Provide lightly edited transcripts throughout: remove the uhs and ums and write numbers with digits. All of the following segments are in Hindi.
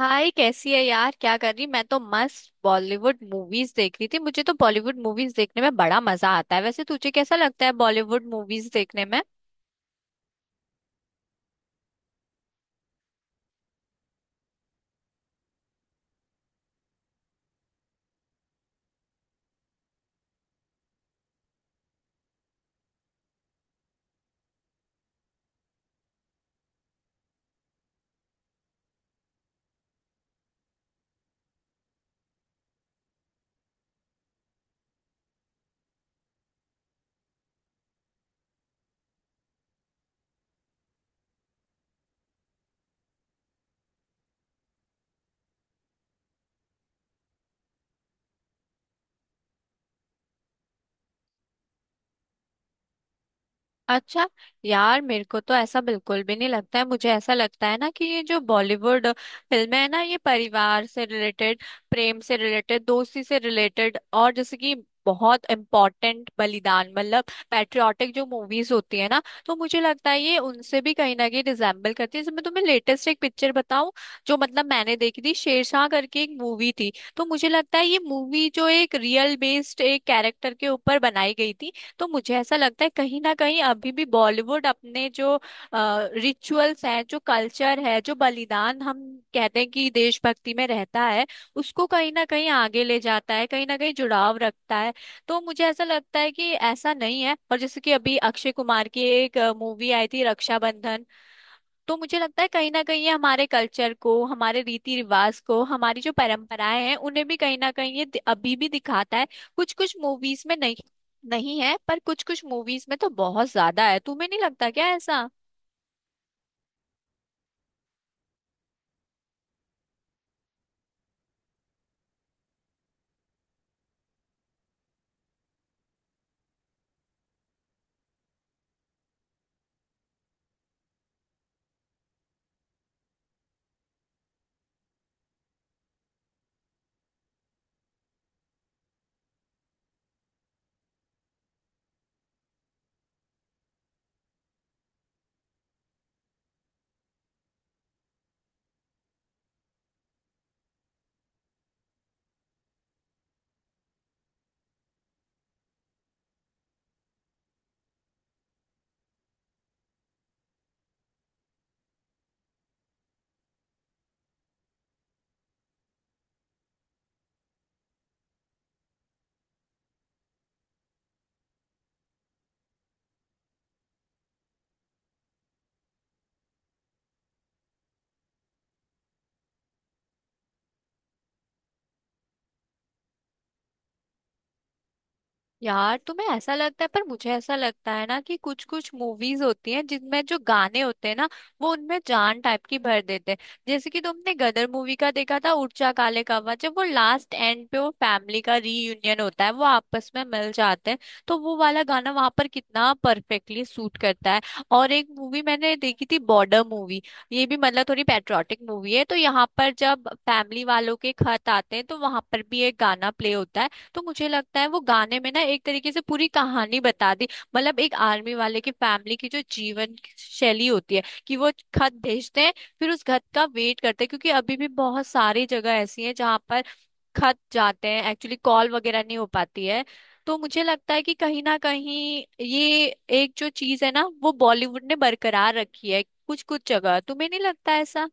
हाय, कैसी है यार? क्या कर रही? मैं तो मस्त बॉलीवुड मूवीज देख रही थी। मुझे तो बॉलीवुड मूवीज देखने में बड़ा मजा आता है। वैसे तुझे कैसा लगता है बॉलीवुड मूवीज देखने में? अच्छा। यार, मेरे को तो ऐसा बिल्कुल भी नहीं लगता है। मुझे ऐसा लगता है ना कि ये जो बॉलीवुड फिल्में है ना, ये परिवार से रिलेटेड, प्रेम से रिलेटेड, दोस्ती से रिलेटेड, और जैसे कि बहुत इम्पोर्टेंट बलिदान, मतलब पैट्रियाटिक जो मूवीज होती है ना, तो मुझे लगता है ये उनसे भी कहीं ना कहीं रिजेम्बल करती है। जैसे मैं तुम्हें लेटेस्ट एक पिक्चर बताऊं जो मतलब मैंने देखी थी, शेरशाह करके एक मूवी थी। तो मुझे लगता है ये मूवी जो एक रियल बेस्ड एक कैरेक्टर के ऊपर बनाई गई थी, तो मुझे ऐसा लगता है कहीं ना कहीं अभी भी बॉलीवुड अपने जो रिचुअल्स हैं, जो कल्चर है, जो बलिदान हम कहते हैं कि देशभक्ति में रहता है, उसको कहीं ना कहीं आगे ले जाता है, कहीं ना कहीं जुड़ाव रखता है। तो मुझे ऐसा लगता है कि ऐसा नहीं है। और जैसे कि अभी अक्षय कुमार की एक मूवी आई थी रक्षाबंधन, तो मुझे लगता है कहीं ना कहीं ये हमारे कल्चर को, हमारे रीति रिवाज को, हमारी जो परंपराएं हैं उन्हें भी कहीं ना कहीं ये अभी भी दिखाता है। कुछ कुछ मूवीज में नहीं, नहीं है, पर कुछ कुछ मूवीज में तो बहुत ज्यादा है। तुम्हें नहीं लगता क्या ऐसा? यार, तुम्हें ऐसा लगता है, पर मुझे ऐसा लगता है ना कि कुछ कुछ मूवीज होती हैं जिनमें जो गाने होते हैं ना, वो उनमें जान टाइप की भर देते हैं। जैसे कि तुमने गदर मूवी का देखा था उड़चा काले कावा, जब वो लास्ट एंड पे वो फैमिली का रीयूनियन होता है, वो आपस में मिल जाते हैं, तो वो वाला गाना वहां पर कितना परफेक्टली सूट करता है। और एक मूवी मैंने देखी थी बॉर्डर मूवी। ये भी मतलब थोड़ी पैट्रियोटिक मूवी है, तो यहाँ पर जब फैमिली वालों के खत आते हैं, तो वहां पर भी एक गाना प्ले होता है। तो मुझे लगता है वो गाने में ना एक तरीके से पूरी कहानी बता दी। मतलब एक आर्मी वाले की फैमिली की जो जीवन शैली होती है कि वो खत भेजते हैं, फिर उस खत का वेट करते हैं, क्योंकि अभी भी बहुत सारी जगह ऐसी हैं जहाँ पर खत जाते हैं, एक्चुअली कॉल वगैरह नहीं हो पाती है। तो मुझे लगता है कि कहीं ना कहीं ये एक जो चीज है ना, वो बॉलीवुड ने बरकरार रखी है कुछ कुछ जगह। तुम्हें नहीं लगता ऐसा?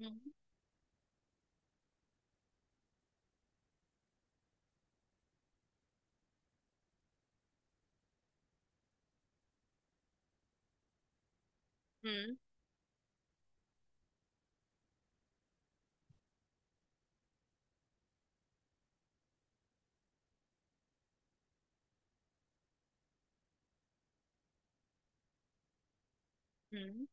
हम्म, हम्म, हम्म।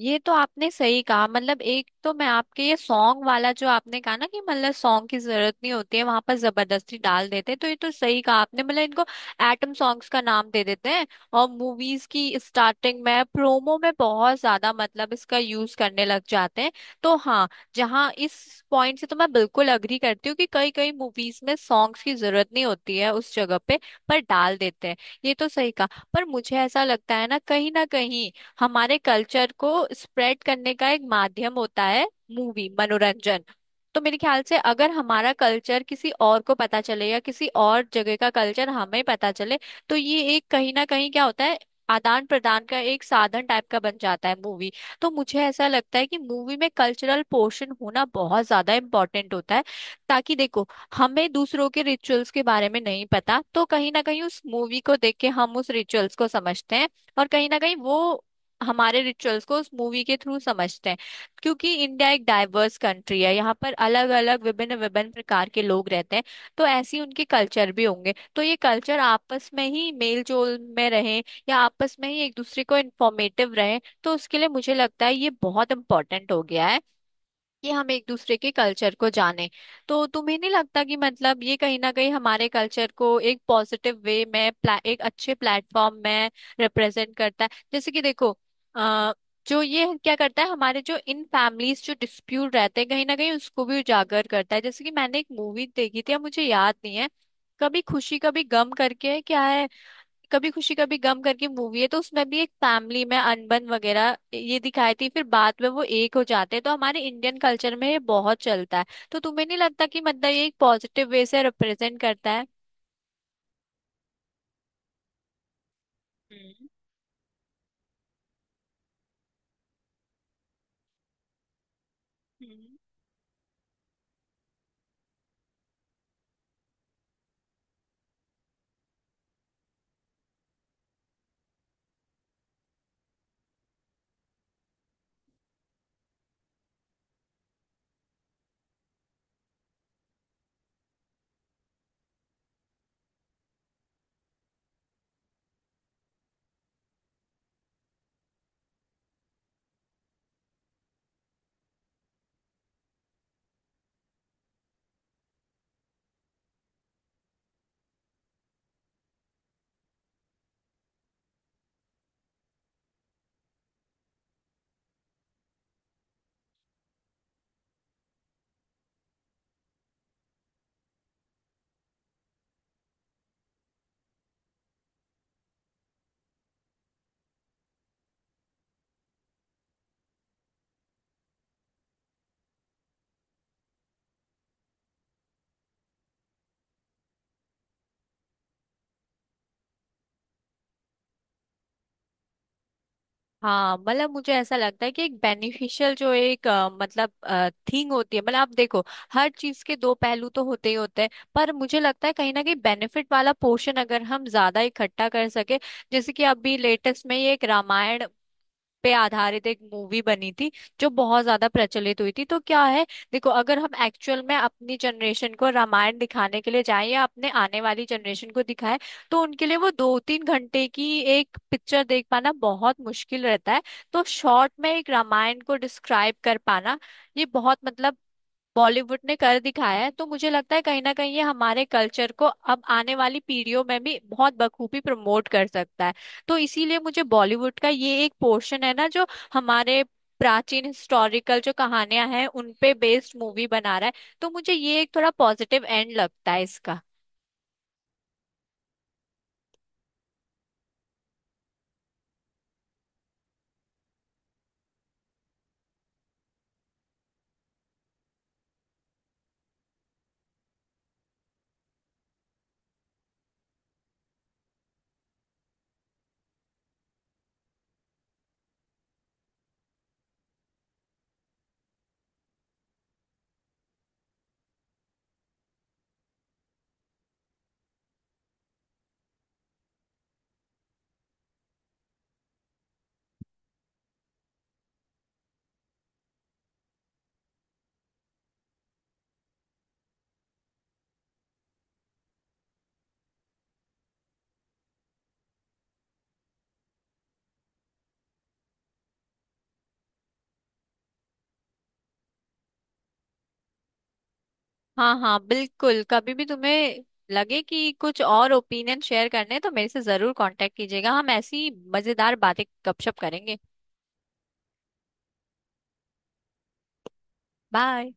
ये तो आपने सही कहा। मतलब एक तो मैं आपके ये सॉन्ग वाला जो आपने कहा ना कि मतलब सॉन्ग की जरूरत नहीं होती है वहां पर, जबरदस्ती डाल देते हैं, तो ये तो सही कहा आपने। मतलब इनको एटम सॉन्ग्स का नाम दे देते हैं और मूवीज की स्टार्टिंग में, प्रोमो में बहुत ज्यादा मतलब इसका यूज करने लग जाते हैं। तो हाँ, जहाँ इस पॉइंट से तो मैं बिल्कुल अग्री करती हूँ कि कई कई मूवीज में सॉन्ग्स की जरूरत नहीं होती है उस जगह पे, पर डाल देते हैं। ये तो सही कहा। पर मुझे ऐसा लगता है ना कहीं हमारे कल्चर को स्प्रेड करने का एक माध्यम होता है मूवी, मनोरंजन। तो मेरे ख्याल से अगर हमारा कल्चर किसी और को पता चले या किसी और जगह का कल्चर हमें पता चले, तो ये एक कहीं ना कहीं क्या होता है, आदान प्रदान का एक साधन टाइप का बन जाता है मूवी। तो मुझे ऐसा लगता है कि मूवी में कल्चरल पोर्शन होना बहुत ज्यादा इम्पोर्टेंट होता है, ताकि देखो, हमें दूसरों के रिचुअल्स के बारे में नहीं पता, तो कहीं ना कहीं उस मूवी को देख के हम उस रिचुअल्स को समझते हैं, और कहीं ना कहीं वो हमारे रिचुअल्स को उस मूवी के थ्रू समझते हैं। क्योंकि इंडिया एक डाइवर्स कंट्री है, यहाँ पर अलग अलग, विभिन्न विभिन्न प्रकार के लोग रहते हैं, तो ऐसे ही उनके कल्चर भी होंगे। तो ये कल्चर आपस में ही मेल जोल में रहे या आपस में ही एक दूसरे को इंफॉर्मेटिव रहे, तो उसके लिए मुझे लगता है ये बहुत इंपॉर्टेंट हो गया है कि हम एक दूसरे के कल्चर को जाने। तो तुम्हें नहीं लगता कि मतलब ये कहीं ना कहीं हमारे कल्चर को एक पॉजिटिव वे में एक अच्छे प्लेटफॉर्म में रिप्रेजेंट करता है? जैसे कि देखो, अ, जो ये क्या करता है, हमारे जो इन फैमिलीज जो डिस्प्यूट रहते हैं, कहीं ना कहीं उसको भी उजागर करता है। जैसे कि मैंने एक मूवी देखी थी, अब मुझे याद नहीं है, कभी खुशी कभी गम करके क्या है, कभी खुशी कभी गम करके मूवी है, तो उसमें भी एक फैमिली में अनबन वगैरह ये दिखाई थी, फिर बाद में वो एक हो जाते हैं। तो हमारे इंडियन कल्चर में ये बहुत चलता है। तो तुम्हें नहीं लगता कि मतलब ये एक पॉजिटिव वे से रिप्रेजेंट करता है? हम्म, हम्म। हाँ, मतलब मुझे ऐसा लगता है कि एक बेनिफिशियल जो एक मतलब थिंग होती है। मतलब आप देखो, हर चीज के दो पहलू तो होते ही होते हैं, पर मुझे लगता है कहीं ना कहीं बेनिफिट वाला पोर्शन अगर हम ज्यादा इकट्ठा कर सके। जैसे कि अभी लेटेस्ट में ये एक रामायण पे आधारित एक मूवी बनी थी जो बहुत ज्यादा प्रचलित हुई थी, तो क्या है, देखो, अगर हम एक्चुअल में अपनी जनरेशन को रामायण दिखाने के लिए जाएं या अपने आने वाली जनरेशन को दिखाएं, तो उनके लिए वो 2-3 घंटे की एक पिक्चर देख पाना बहुत मुश्किल रहता है। तो शॉर्ट में एक रामायण को डिस्क्राइब कर पाना, ये बहुत मतलब बॉलीवुड ने कर दिखाया है। तो मुझे लगता है कहीं ना कहीं ये हमारे कल्चर को अब आने वाली पीढ़ियों में भी बहुत बखूबी प्रमोट कर सकता है। तो इसीलिए मुझे बॉलीवुड का ये एक पोर्शन है ना जो हमारे प्राचीन हिस्टोरिकल जो कहानियां हैं उन पे बेस्ड मूवी बना रहा है, तो मुझे ये एक थोड़ा पॉजिटिव एंड लगता है इसका। हाँ हाँ, बिल्कुल। कभी भी तुम्हें लगे कि कुछ और ओपिनियन शेयर करने हैं, तो मेरे से जरूर कांटेक्ट कीजिएगा। हम ऐसी मजेदार बातें, गपशप करेंगे। बाय।